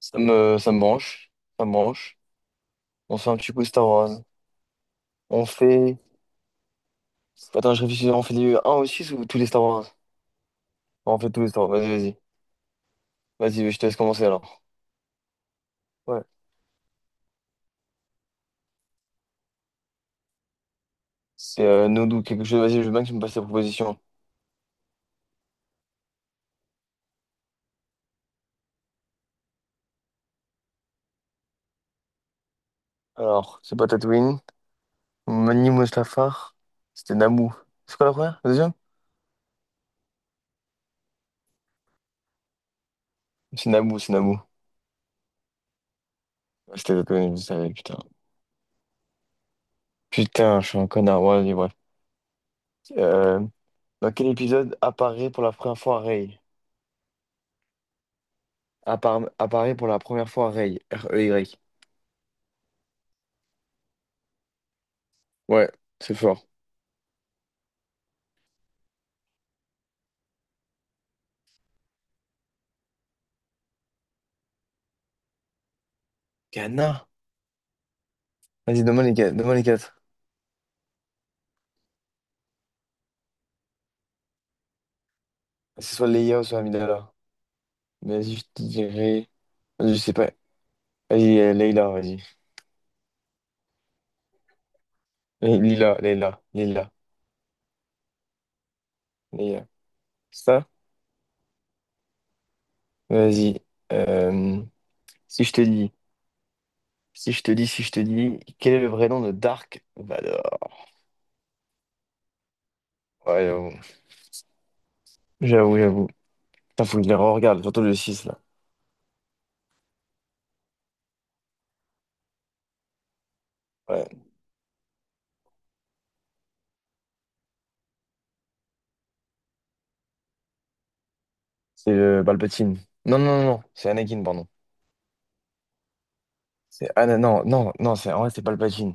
Ça me branche. Ça me branche. On se fait un petit coup Star Wars. On fait. Attends, je réfléchis. On fait du un ou 6 ou tous les Star Wars? On fait tous les Star Wars. Vas-y, vas-y. Vas-y, je te laisse commencer alors. Ouais. C'est Nodou, quelque chose. Vas-y, je veux bien que tu me passes tes propositions. Alors, c'est pas Tatooine. Mani Mustafar. C'était Naboo. C'est quoi la première? La deuxième? C'est Naboo, c'est Naboo. Ouais, c'était Tatooine, je savais, putain. Putain, je suis un connard. Ouais, vas-y, bref. Euh, Dans quel épisode apparaît pour la première fois Rey? Apparaît pour la première fois Rey. R-E-Y. Ouais, c'est fort. Ghana. Vas-y, donne-moi les quatre. Donne-moi les quatre. C'est soit Leia ou soit Amidala. Mais vas-y, je te dirais. Vas-y, je sais pas. Vas-y, Leila, vas-y. Lila, Leila, Lila, Leila. Ça? Vas-y. Euh, si je te dis, si je te dis, si je te dis, quel est le vrai nom de Dark Vador? Ouais, j'avoue. J'avoue, j'avoue. Putain, faut que je les re-regarde, surtout le 6 là. Ouais. C'est le Palpatine. Non, non, non, non, c'est Anakin, pardon. Non, non, non, c'est en vrai, c'est Palpatine.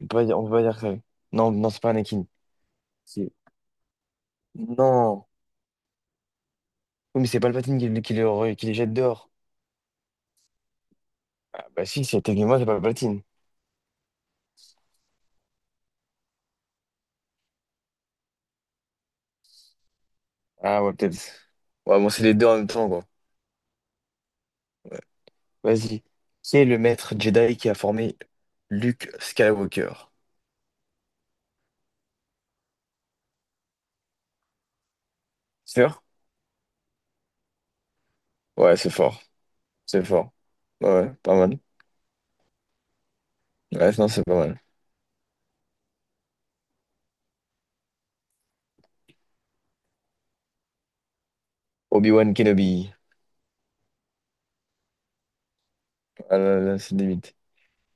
On peut pas dire, on peut pas dire ça. Non, non, c'est pas Anakin. C'est- Non. Oui, mais c'est Palpatine qui les jette dehors. Ah, bah si, c'est techniquement, c'est Palpatine. Ah, ouais, peut-être. Ouais, bon, c'est les deux en même temps, quoi. Vas-y. Qui est le maître Jedi qui a formé Luke Skywalker? Sûr? Ouais, c'est fort. C'est fort. Ouais, pas mal. Ouais, non, c'est pas mal. Obi-Wan Kenobi. Ah là là, c'est limite.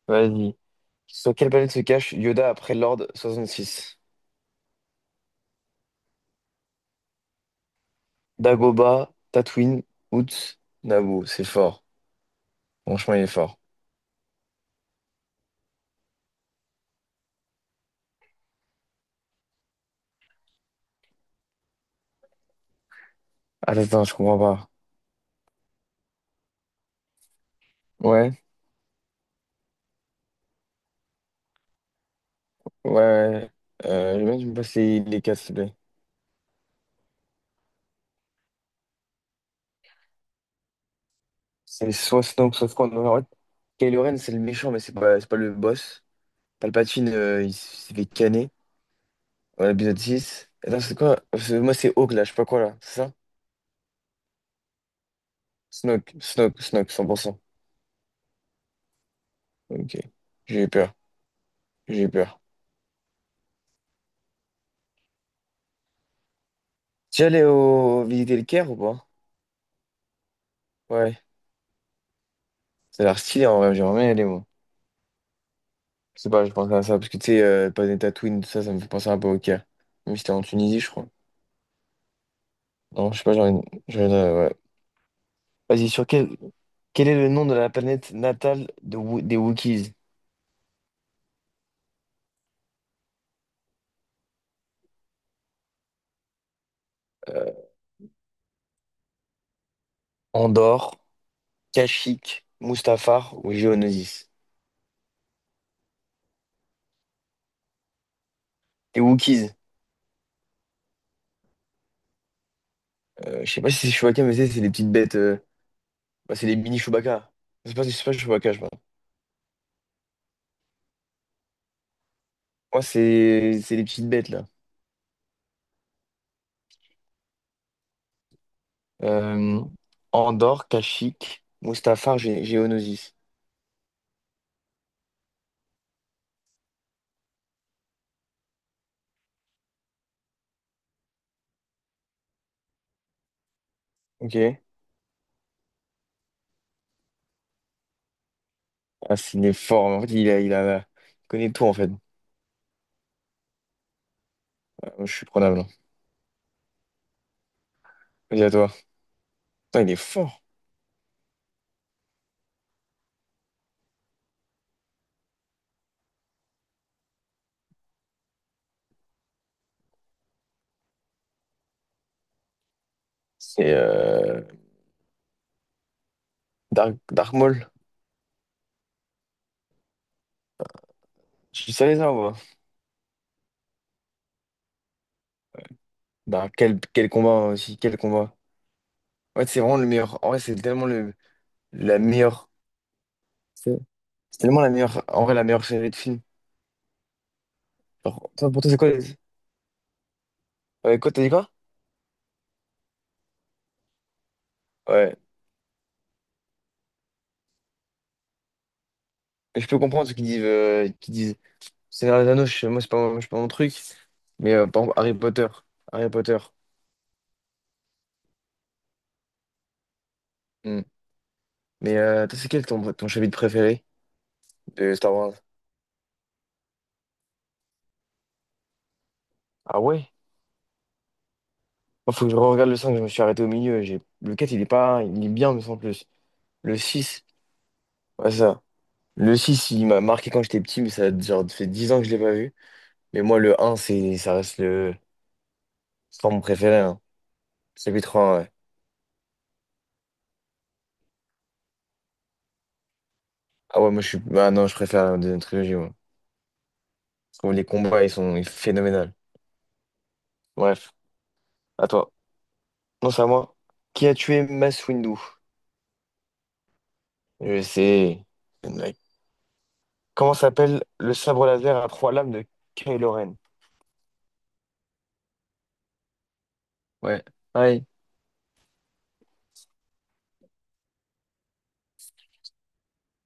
Vas-y. Sur quelle planète se cache Yoda après l'Ordre 66? Dagoba, Tatooine, Utz, Naboo. C'est fort. Franchement, il est fort. Attends, attends, je comprends pas. Ouais, ouais, ouais. Je veux bien que tu me passes les quatre, s'il te plaît. C'est soit Snoke, soit Snoke. En fait, Kylo Ren, c'est le méchant, mais c'est pas le boss. Palpatine, il s'est fait canner. Ouais, épisode six. Attends, c'est quoi? Moi, c'est Hawk, là, je sais pas quoi, là. C'est ça? Snoke, Snoke, Snoke, 100%. Ok. J'ai eu peur. J'ai eu peur. Tu es allé au... visiter le Caire ou pas? Ouais. Ça a l'air stylé, en vrai. J'aimerais bien y aller, moi. Je sais pas, je pense à ça, parce que tu sais, pas des Tatooine, tout ça, ça me fait penser un peu au Caire. Mais c'était en Tunisie, je crois. Non, je sais pas, ouais. Vas-y, quel est le nom de la planète natale de des Wookiees? Euh, Andorre, Kashyyyk, Mustafar ou Géonosis? Les Wookiees, je sais pas si c'est Chewbacca, mais c'est les petites bêtes, bah, c'est les mini Chewbacca. C'est pas Chewbacca, je pense. Moi, c'est les petites bêtes, là. Euh, Andorre, Kashyyyk, Mustafar, Géonosis. Ok. Ah, s'il est fort. En fait, il connaît tout, en fait. Ah, moi, je suis prenable. Vas-y, à toi. Putain, il est fort. C'est Dark Maul. Tu savais ça, ou pas? Quel, quel combat hein, aussi, quel combat. En fait, c'est vraiment le meilleur. En vrai, la meilleure. C'est c'est tellement la meilleure. En vrai, la meilleure série de films. Genre, toi, pour toi, c'est quoi? Les... ouais, quoi, t'as dit quoi? Ouais. Mais je peux comprendre ceux qui disent Seigneur des Anneaux. Moi, c'est pas mon truc. Mais par exemple, Harry Potter. Harry Potter. Hmm. Mais toi, ton chapitre préféré? De Star Wars. Ah ouais? Il faut que je regarde le 5, je me suis arrêté au milieu. J'ai... le 4 il est pas... il est bien, me semble plus. Le 6 ouais, ça. Le 6 il m'a marqué quand j'étais petit, mais ça a genre fait 10 ans que je l'ai pas vu. Mais moi, le un c'est... ça reste le... c'est pas mon préféré. Hein. Chapitre 1, ouais. Ah ouais, moi, je suis. Ah non, je préfère la deuxième trilogie, moi. Je trouve les combats, ils sont phénoménaux. Bref, à toi. Non, c'est à moi. Qui a tué Mace Windu? Je sais. Mec. Comment s'appelle le sabre laser à trois lames de Kylo Ren? Ouais. Ouais,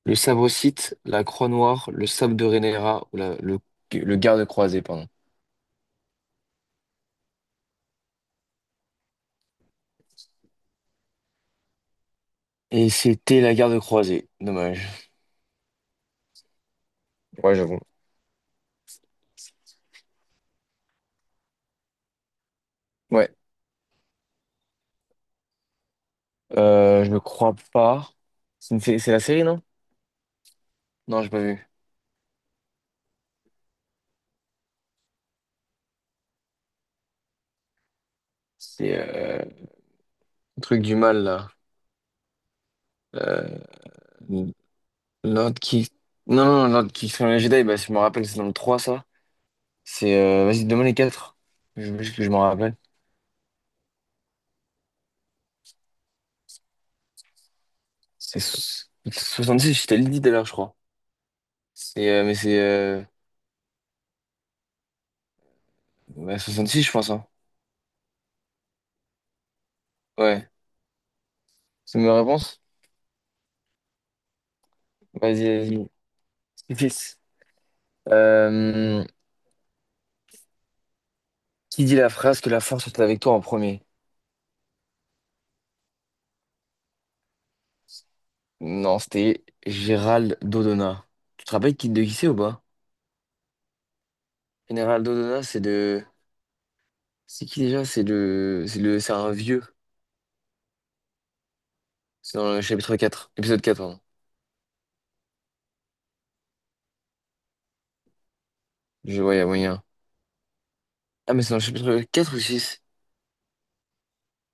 le sabre-cite, la croix noire, le sabre de Rennera ou le garde croisé, pardon. Et c'était la garde croisée. Dommage. Ouais, j'avoue. Ouais. Je ne crois pas. C'est la série, non? Non, j'ai pas vu. C'est le truc du mal, là. Euh, Lord qui... Non, non, non, Lord Kingsman les Jedi, bah, si je me rappelle, c'est dans le 3 ça. Vas-y, donne-moi les 4. Je veux juste que je m'en rappelle. C'est so- Six je t'ai dit tout à l'heure, je crois. C'est... euh, mais c'est... euh, Bah, 66, je pense, hein. Ouais. C'est ma réponse? Vas-y, vas-y. Fils. Euh, qui dit la phrase que la force est avec toi en premier? Non, c'était Gérald Dodona. Tu te rappelles de qui c'est ou pas? Gérald Dodona, c'est de... C'est qui déjà? C'est le... c'est un vieux. C'est dans le chapitre quatre. Épisode 4, pardon. Je voyais moyen. Ah, mais c'est dans le chapitre 4 ou six?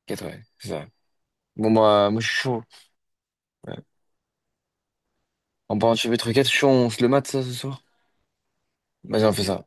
Quatre ouais. C'est ça. Bon, bah, moi, je suis chaud. Ouais. En parlant de chapitre quatre, je suis chaud, on se le mate, ça, ce soir? Vas-y, on fait ça.